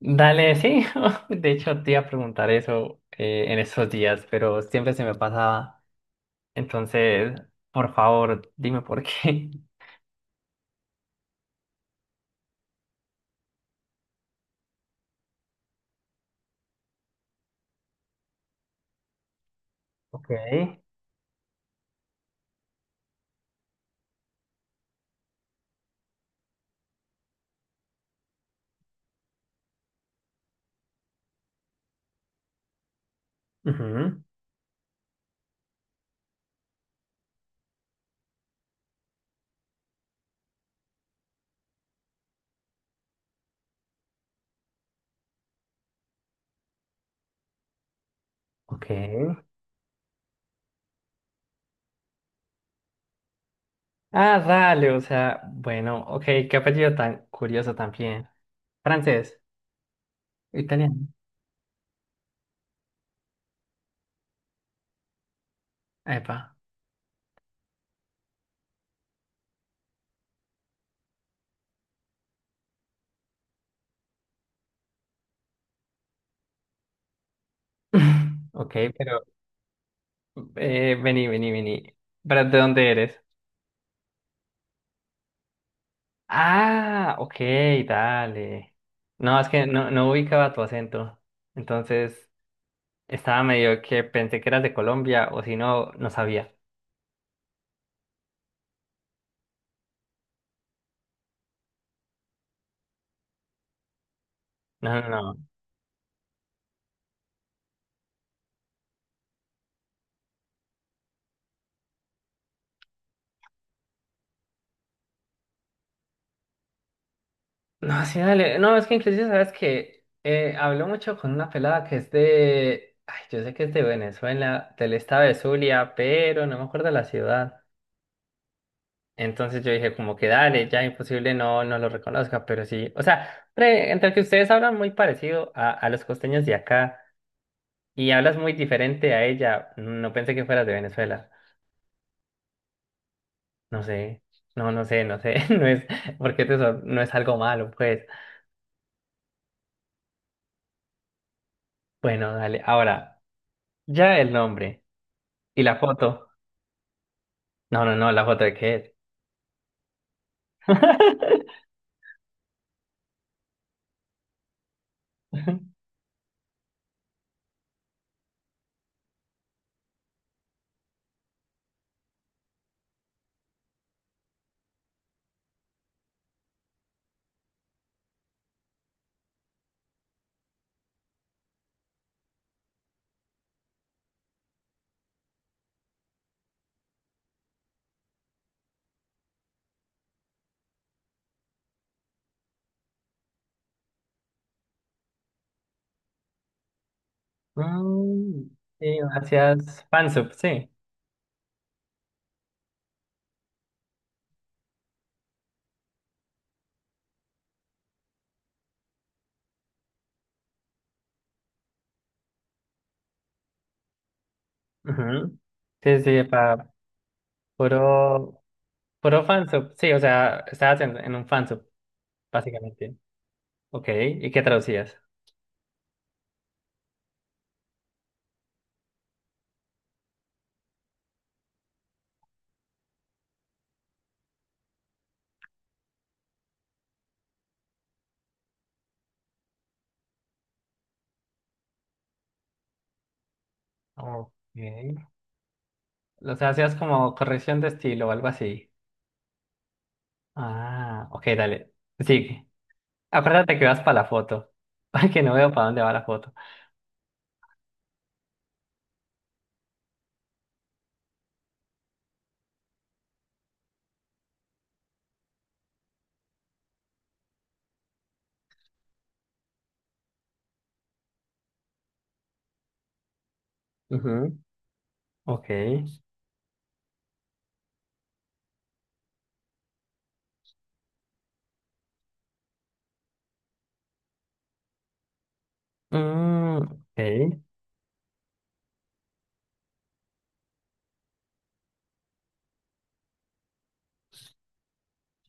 Dale, sí. De hecho, te iba a preguntar eso en esos días, pero siempre se me pasaba. Entonces, por favor, dime por qué. Ok. Ujú. Ok. Ah, dale, o sea, bueno, ok, qué apellido tan curioso también. Francés, italiano. Epa. Ok, pero vení. ¿Pero de dónde eres? Ah, ok, dale. No es que no ubicaba tu acento. Entonces, estaba medio que pensé que eras de Colombia o si no, no sabía. No, no, no. No, sí, dale. No, es que inclusive sabes que habló mucho con una pelada que es de... Ay, yo sé que es de Venezuela, del estado de Zulia, pero no me acuerdo la ciudad. Entonces yo dije como que dale, ya imposible no, no lo reconozca, pero sí. O sea, entre que ustedes hablan muy parecido a los costeños de acá y hablas muy diferente a ella, no pensé que fueras de Venezuela. No sé, no sé, no es, porque no es algo malo, pues. Bueno, dale, ahora, ya el nombre y la foto. No, no, no, la foto de qué es. Mm, sí, gracias, fansub, sí. Ujú. Sí, sí, para puro, puro fansub, sí, o sea, estabas en un fansub, básicamente. Ok, ¿y qué traducías? Ok. O sea, hacías como corrección de estilo o algo así. Ah, ok, dale, sigue. Acuérdate que vas para la foto. Porque no veo para dónde va la foto. Ujú. Ok. Mm, ok.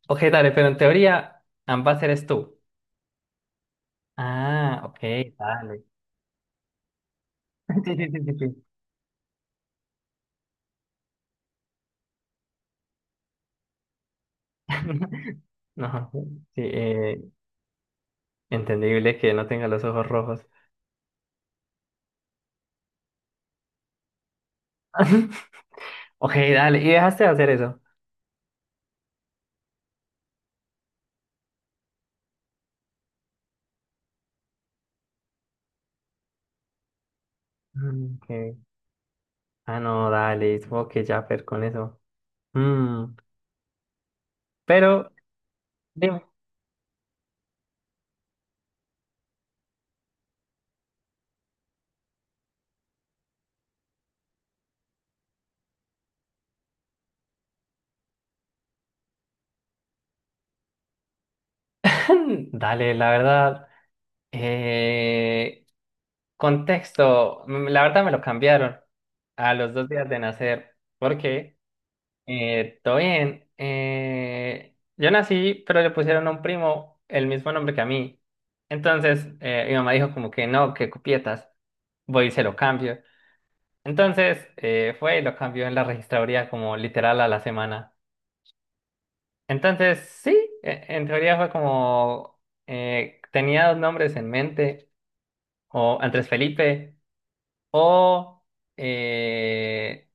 Ok, dale, pero en teoría ambas eres tú. Ah, ok, dale. Sí, sí, sí, sí, sí. No, sí, entendible que no tenga los ojos rojos. Ok, dale, y dejaste de hacer eso. Mm, ok. Ah, no, dale, supongo que ya per con eso. Mm, pero, dime. Dale, la verdad, eh, contexto, mm, la verdad me lo cambiaron a los dos días de nacer, porque todo bien. Yo nací, pero le pusieron a un primo el mismo nombre que a mí. Entonces, mi mamá dijo como que no, que cupietas, voy y se lo cambio. Entonces, fue y lo cambió en la registraduría como literal a la semana. Entonces, sí, en teoría fue como, tenía dos nombres en mente, o Andrés Felipe, o eh,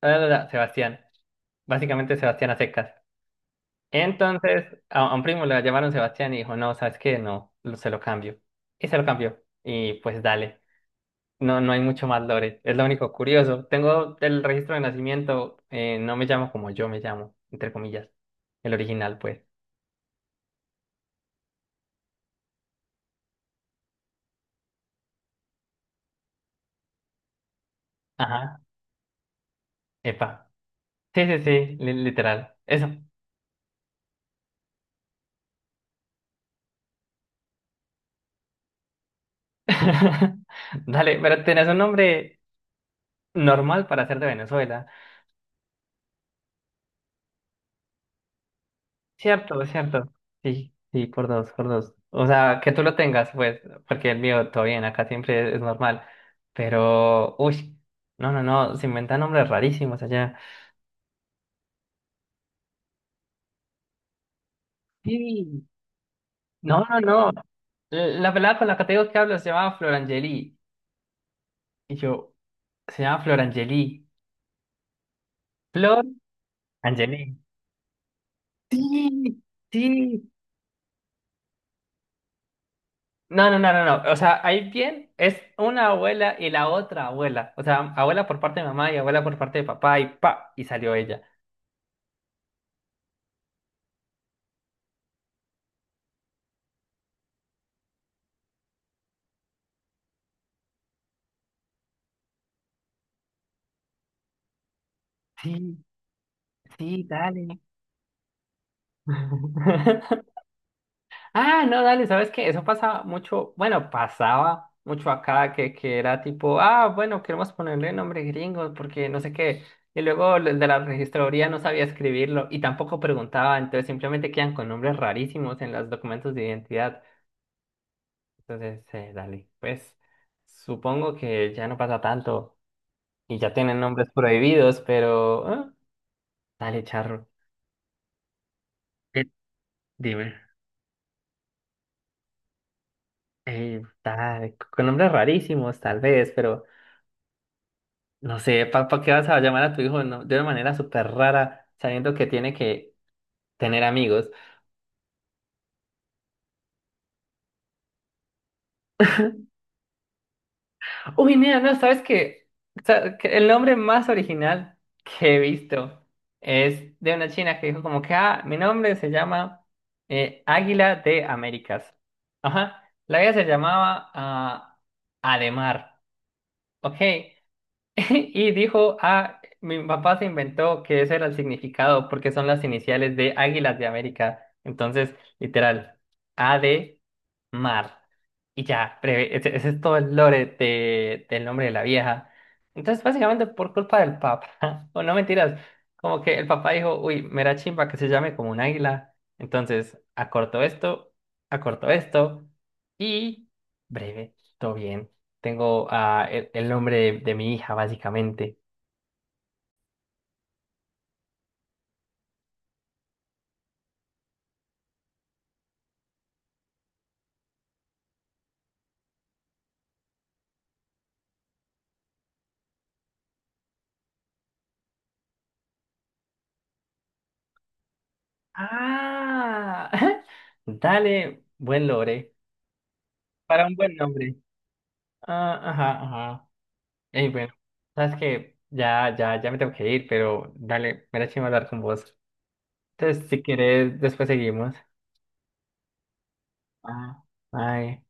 Sebastián. Básicamente Sebastián a secas. Entonces, a un primo le llamaron Sebastián y dijo, no, ¿sabes qué? No, se lo cambio. Y se lo cambió. Y pues dale. No, no hay mucho más lore. Es lo único curioso. Tengo el registro de nacimiento. No me llamo como yo me llamo, entre comillas. El original, pues. Ajá. Epa. Sí, sí, sí. Literal. Eso. Dale, pero tenés un nombre normal para ser de Venezuela. Cierto, cierto. Sí, sí, por dos, por dos. O sea, que tú lo tengas, pues, porque el mío todo bien, acá siempre es normal. Pero, uy, no, no, no, se inventan nombres rarísimos allá. Sí. No, no, no. La pelada con la que te digo que hablo se llama Flor Angeli. Y yo, se llama Flor Angeli. Flor Angeli. Sí, sí. No, no, no, no, no. O sea, ahí bien es una abuela y la otra abuela. O sea, abuela por parte de mamá y abuela por parte de papá y pa, y salió ella. Sí, sí, dale. Ah, no, dale, ¿sabes qué? Eso pasa mucho, bueno, pasaba mucho acá que era tipo, ah, bueno, queremos ponerle nombre gringo porque no sé qué. Y luego el de la registraduría no sabía escribirlo y tampoco preguntaba, entonces simplemente quedan con nombres rarísimos en los documentos de identidad. Entonces, dale, pues supongo que ya no pasa tanto y ya tienen nombres prohibidos, pero... ah, dale, charro. Eh, Dime. Tal, con nombres rarísimos, tal vez, pero no sé, ¿para qué vas a llamar a tu hijo no, de una manera súper rara, sabiendo que tiene que tener amigos? Uy, mira, no, ¿sabes qué? Sa- que El nombre más original que he visto es de una china que dijo como que, ah, mi nombre se llama Águila de Américas. Ajá, la vida se llamaba ah, Ademar, ¿ok? Y dijo, ah, mi papá se inventó que ese era el significado porque son las iniciales de Águilas de América. Entonces, literal, A de mar. Y ya, breve, ese es todo el lore del nombre de la vieja. Entonces, básicamente por culpa del papá, o no mentiras, como que el papá dijo, uy, me da chimba que se llame como un águila. Entonces, acortó esto y breve, todo bien. Tengo ah, el nombre de mi hija, básicamente. Ah, dale, buen lore. Para un buen nombre. Ah, ajá, ajá. Ey, bueno, sabes que ya me tengo que ir, pero dale, me da chimba hablar con vos. Entonces, si quieres, después seguimos. Ah. Bye.